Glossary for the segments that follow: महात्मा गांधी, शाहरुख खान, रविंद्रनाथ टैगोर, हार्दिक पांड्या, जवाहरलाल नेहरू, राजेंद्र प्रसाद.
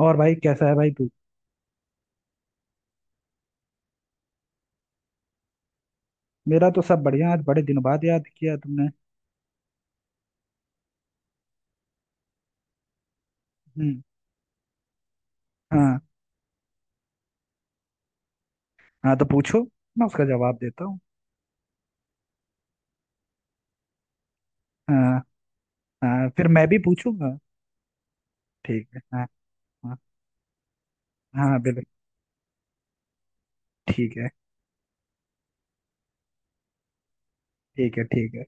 और भाई, कैसा है भाई तू? मेरा तो सब बढ़िया। आज बड़े दिन बाद याद किया तुमने। हम्म। हाँ। हाँ, तो पूछो। मैं उसका जवाब देता हूँ। हाँ। हाँ, फिर मैं भी पूछूंगा। ठीक है। हाँ। हाँ। हाँ बिल्कुल। ठीक है। ठीक है। ठीक है।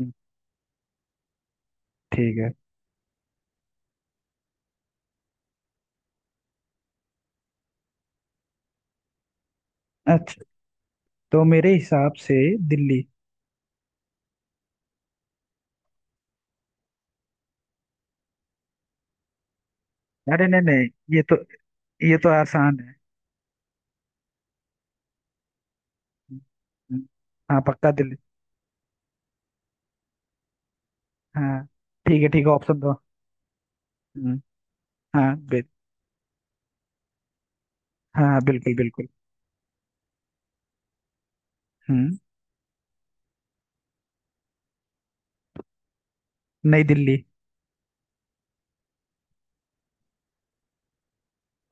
हम्म, ठीक है। अच्छा। तो मेरे हिसाब से दिल्ली। अरे नहीं नहीं। ये तो ये तो आसान है। हम्म। हम्म। हाँ, पक्का दिल्ली। हाँ। ठीक है। ठीक है, ऑप्शन दो। हम्म। हाँ हाँ, बिल्कुल बिल्कुल। हम्म। नई दिल्ली।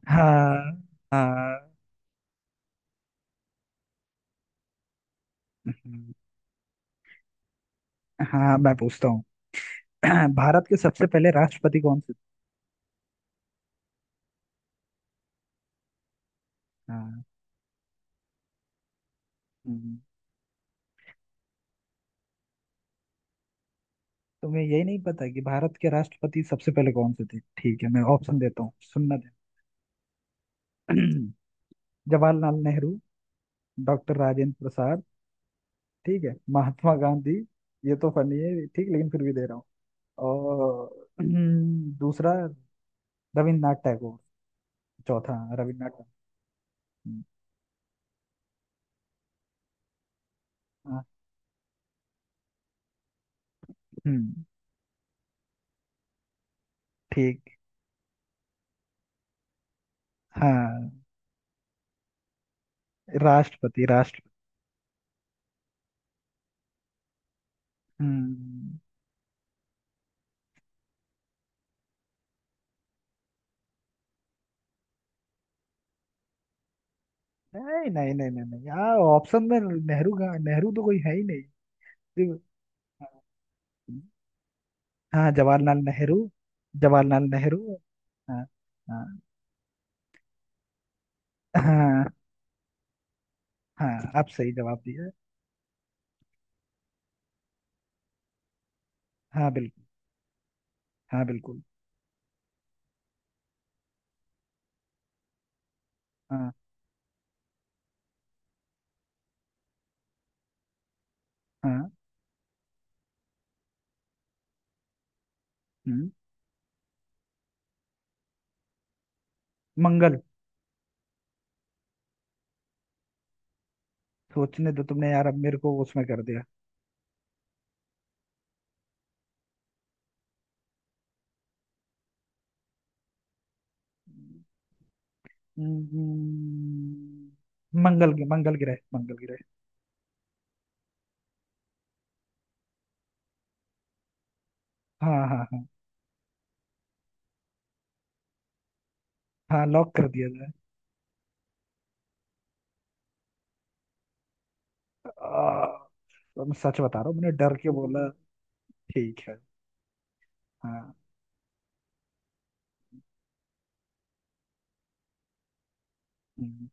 हाँ। हाँ। हम्म, हाँ, मैं पूछता हूँ। भारत के सबसे पहले राष्ट्रपति कौन से थे? हाँ। हम्म। तुम्हें यही नहीं पता कि भारत के राष्ट्रपति सबसे पहले कौन से थे? ठीक है, मैं ऑप्शन देता हूँ। सुनना। ध्यान। जवाहरलाल नेहरू। डॉक्टर राजेंद्र प्रसाद। ठीक है। महात्मा गांधी। ये तो फनी है, ठीक, लेकिन फिर भी दे रहा हूँ। और दूसरा, रविन्द्रनाथ टैगोर। चौथा, हाँ, रविन्द्रनाथ टैगोर। हम्म। हाँ। हम्म। ठीक। हाँ। राष्ट्रपति राष्ट्र हम्म। नहीं नहीं नहीं नहीं नहीं यार, ऑप्शन में नेहरू का, नेहरू तो कोई है ही नहीं। सिर्फ- हाँ, जवाहरलाल नेहरू। जवाहरलाल नेहरू। हाँ हाँ। हाँ। हाँ, आप सही जवाब दिया। हाँ बिल्कुल। हाँ बिल्कुल। हाँ। हाँ। हम्म, मंगल। सोचने दो तुमने यार, अब मेरे को उसमें कर दिया। हम्म। मंगल, मंगल ग्रह, मंगल ग्रह। हाँ हाँ हाँ। हाँ, लॉक कर दिया जाए। आ, तो मैं सच बता रहा हूँ, मैंने डर के बोला। ठीक है। हाँ। हम्म।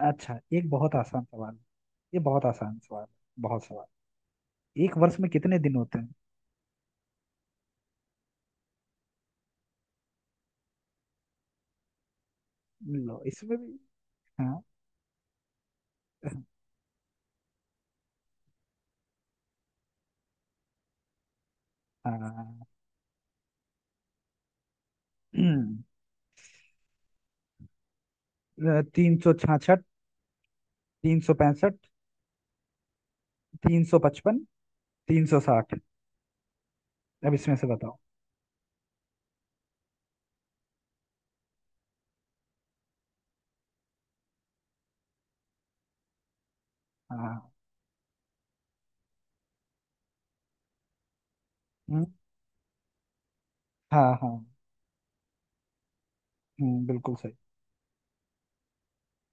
अच्छा, एक बहुत आसान सवाल है। ये बहुत आसान सवाल है। बहुत सवाल। एक वर्ष में कितने दिन होते हैं? लो, इसमें भी। हाँ। हाँ। 366। 365। 355। 360। अब इसमें से बताओ। हाँ। हम्म। हाँ। हाँ। बिल्कुल सही।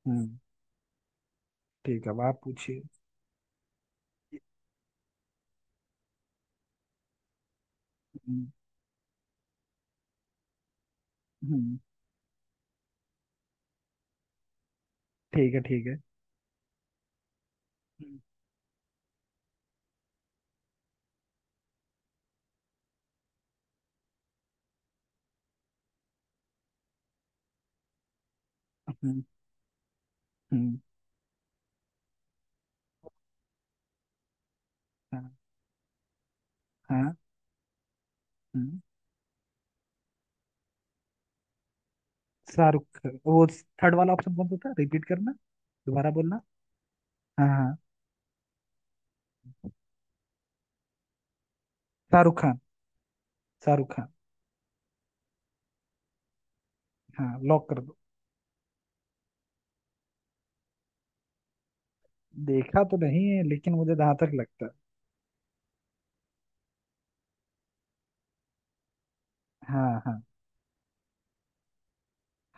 हम्म। ठीक है, अब आप पूछिए। हम्म। हम्म। ठीक है। ठीक है। हम्म। हम्म। हम्म। हाँ। हाँ। हम्म, शाहरुख खान। वो थर्ड वाला ऑप्शन कौन सा था? रिपीट करना। दोबारा बोलना। हाँ, हाँ। शाहरुख खान। शाहरुख खान। हाँ, लॉक कर दो। देखा तो नहीं है, लेकिन मुझे जहां तक लगता है। हाँ हाँ।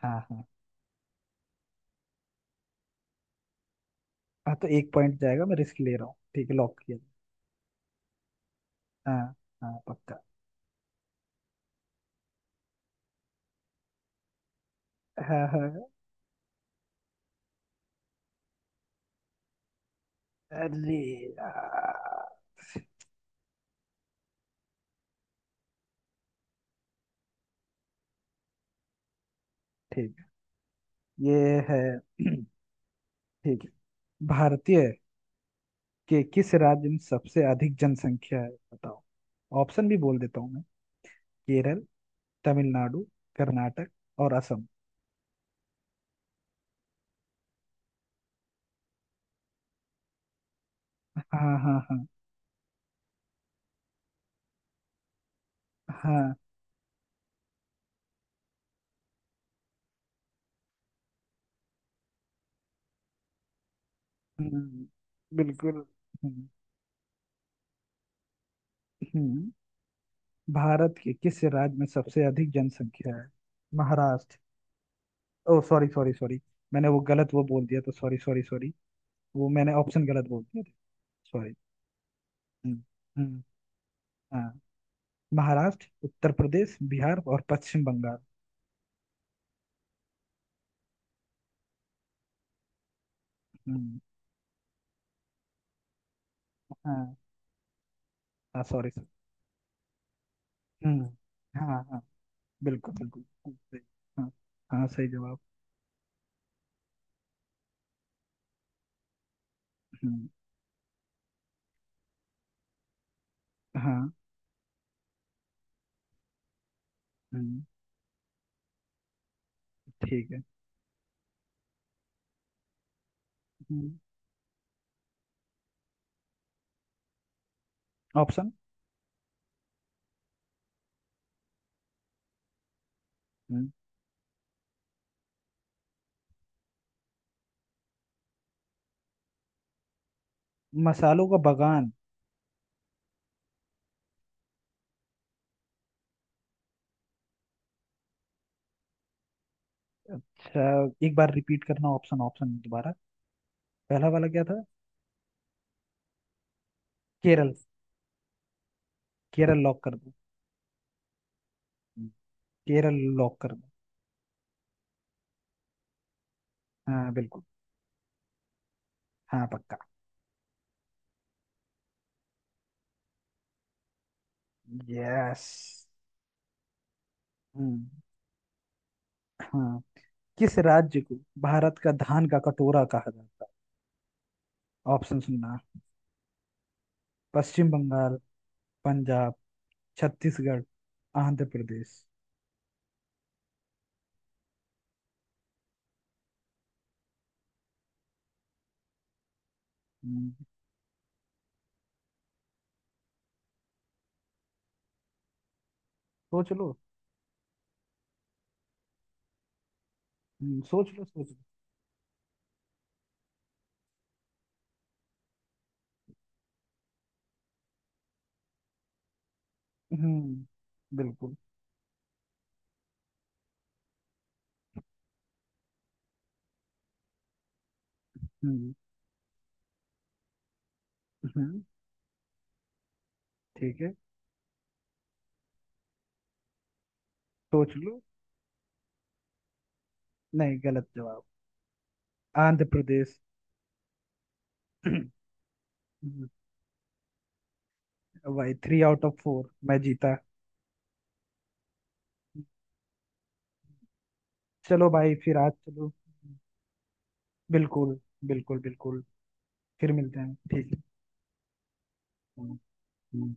हाँ हाँ। हाँ, तो 1 पॉइंट जाएगा, मैं रिस्क ले रहा हूँ, ठीक है, लॉक किया। हाँ। हाँ पक्का। हाँ। हाँ। अरे यार। ठीक है। ये है। ठीक है। भारतीय के किस राज्य में सबसे अधिक जनसंख्या है, बताओ? ऑप्शन भी बोल देता हूँ मैं। केरल, तमिलनाडु, कर्नाटक और असम। हाँ। हाँ। हाँ। हाँ। हम्म, बिल्कुल। हम्म। हम्म। भारत के किस राज्य में सबसे अधिक जनसंख्या है? महाराष्ट्र। ओ, सॉरी सॉरी सॉरी। मैंने वो गलत वो बोल दिया, तो सॉरी सॉरी सॉरी। वो मैंने ऑप्शन गलत बोल दिया। सॉरी। हम्म। हम्म। हाँ। महाराष्ट्र, उत्तर प्रदेश, बिहार और पश्चिम बंगाल। हम्म। हाँ। हाँ, सॉरी सर। हम्म। हाँ। हाँ, बिल्कुल बिल्कुल। सही। हाँ। हाँ, सही जवाब। हम्म। हाँ। हम्म। ठीक है। हम्म। ऑप्शन। हम्म। मसालों का बगान। अच्छा, एक बार रिपीट करना, ऑप्शन ऑप्शन दोबारा। पहला वाला क्या था? केरल। केरल लॉक कर दो। केरल लॉक कर दो। हाँ बिल्कुल। हाँ पक्का। यस। हम्म। हाँ। किस राज्य को भारत का धान का कटोरा कहा जाता है? ऑप्शन सुनना। पश्चिम बंगाल, पंजाब, छत्तीसगढ़, आंध्र प्रदेश। हम्म, सोच लो। सोच लो, सोच लो। हम्म। बिल्कुल। हम्म। हम्म। ठीक है। सोच लो। नहीं, गलत जवाब। आंध्र प्रदेश। हम्म, भाई, 3 आउट ऑफ 4 मैं जीता। चलो भाई, फिर आज चलो। बिल्कुल। बिल्कुल बिल्कुल। फिर मिलते हैं, ठीक है। हम्म। हम्म।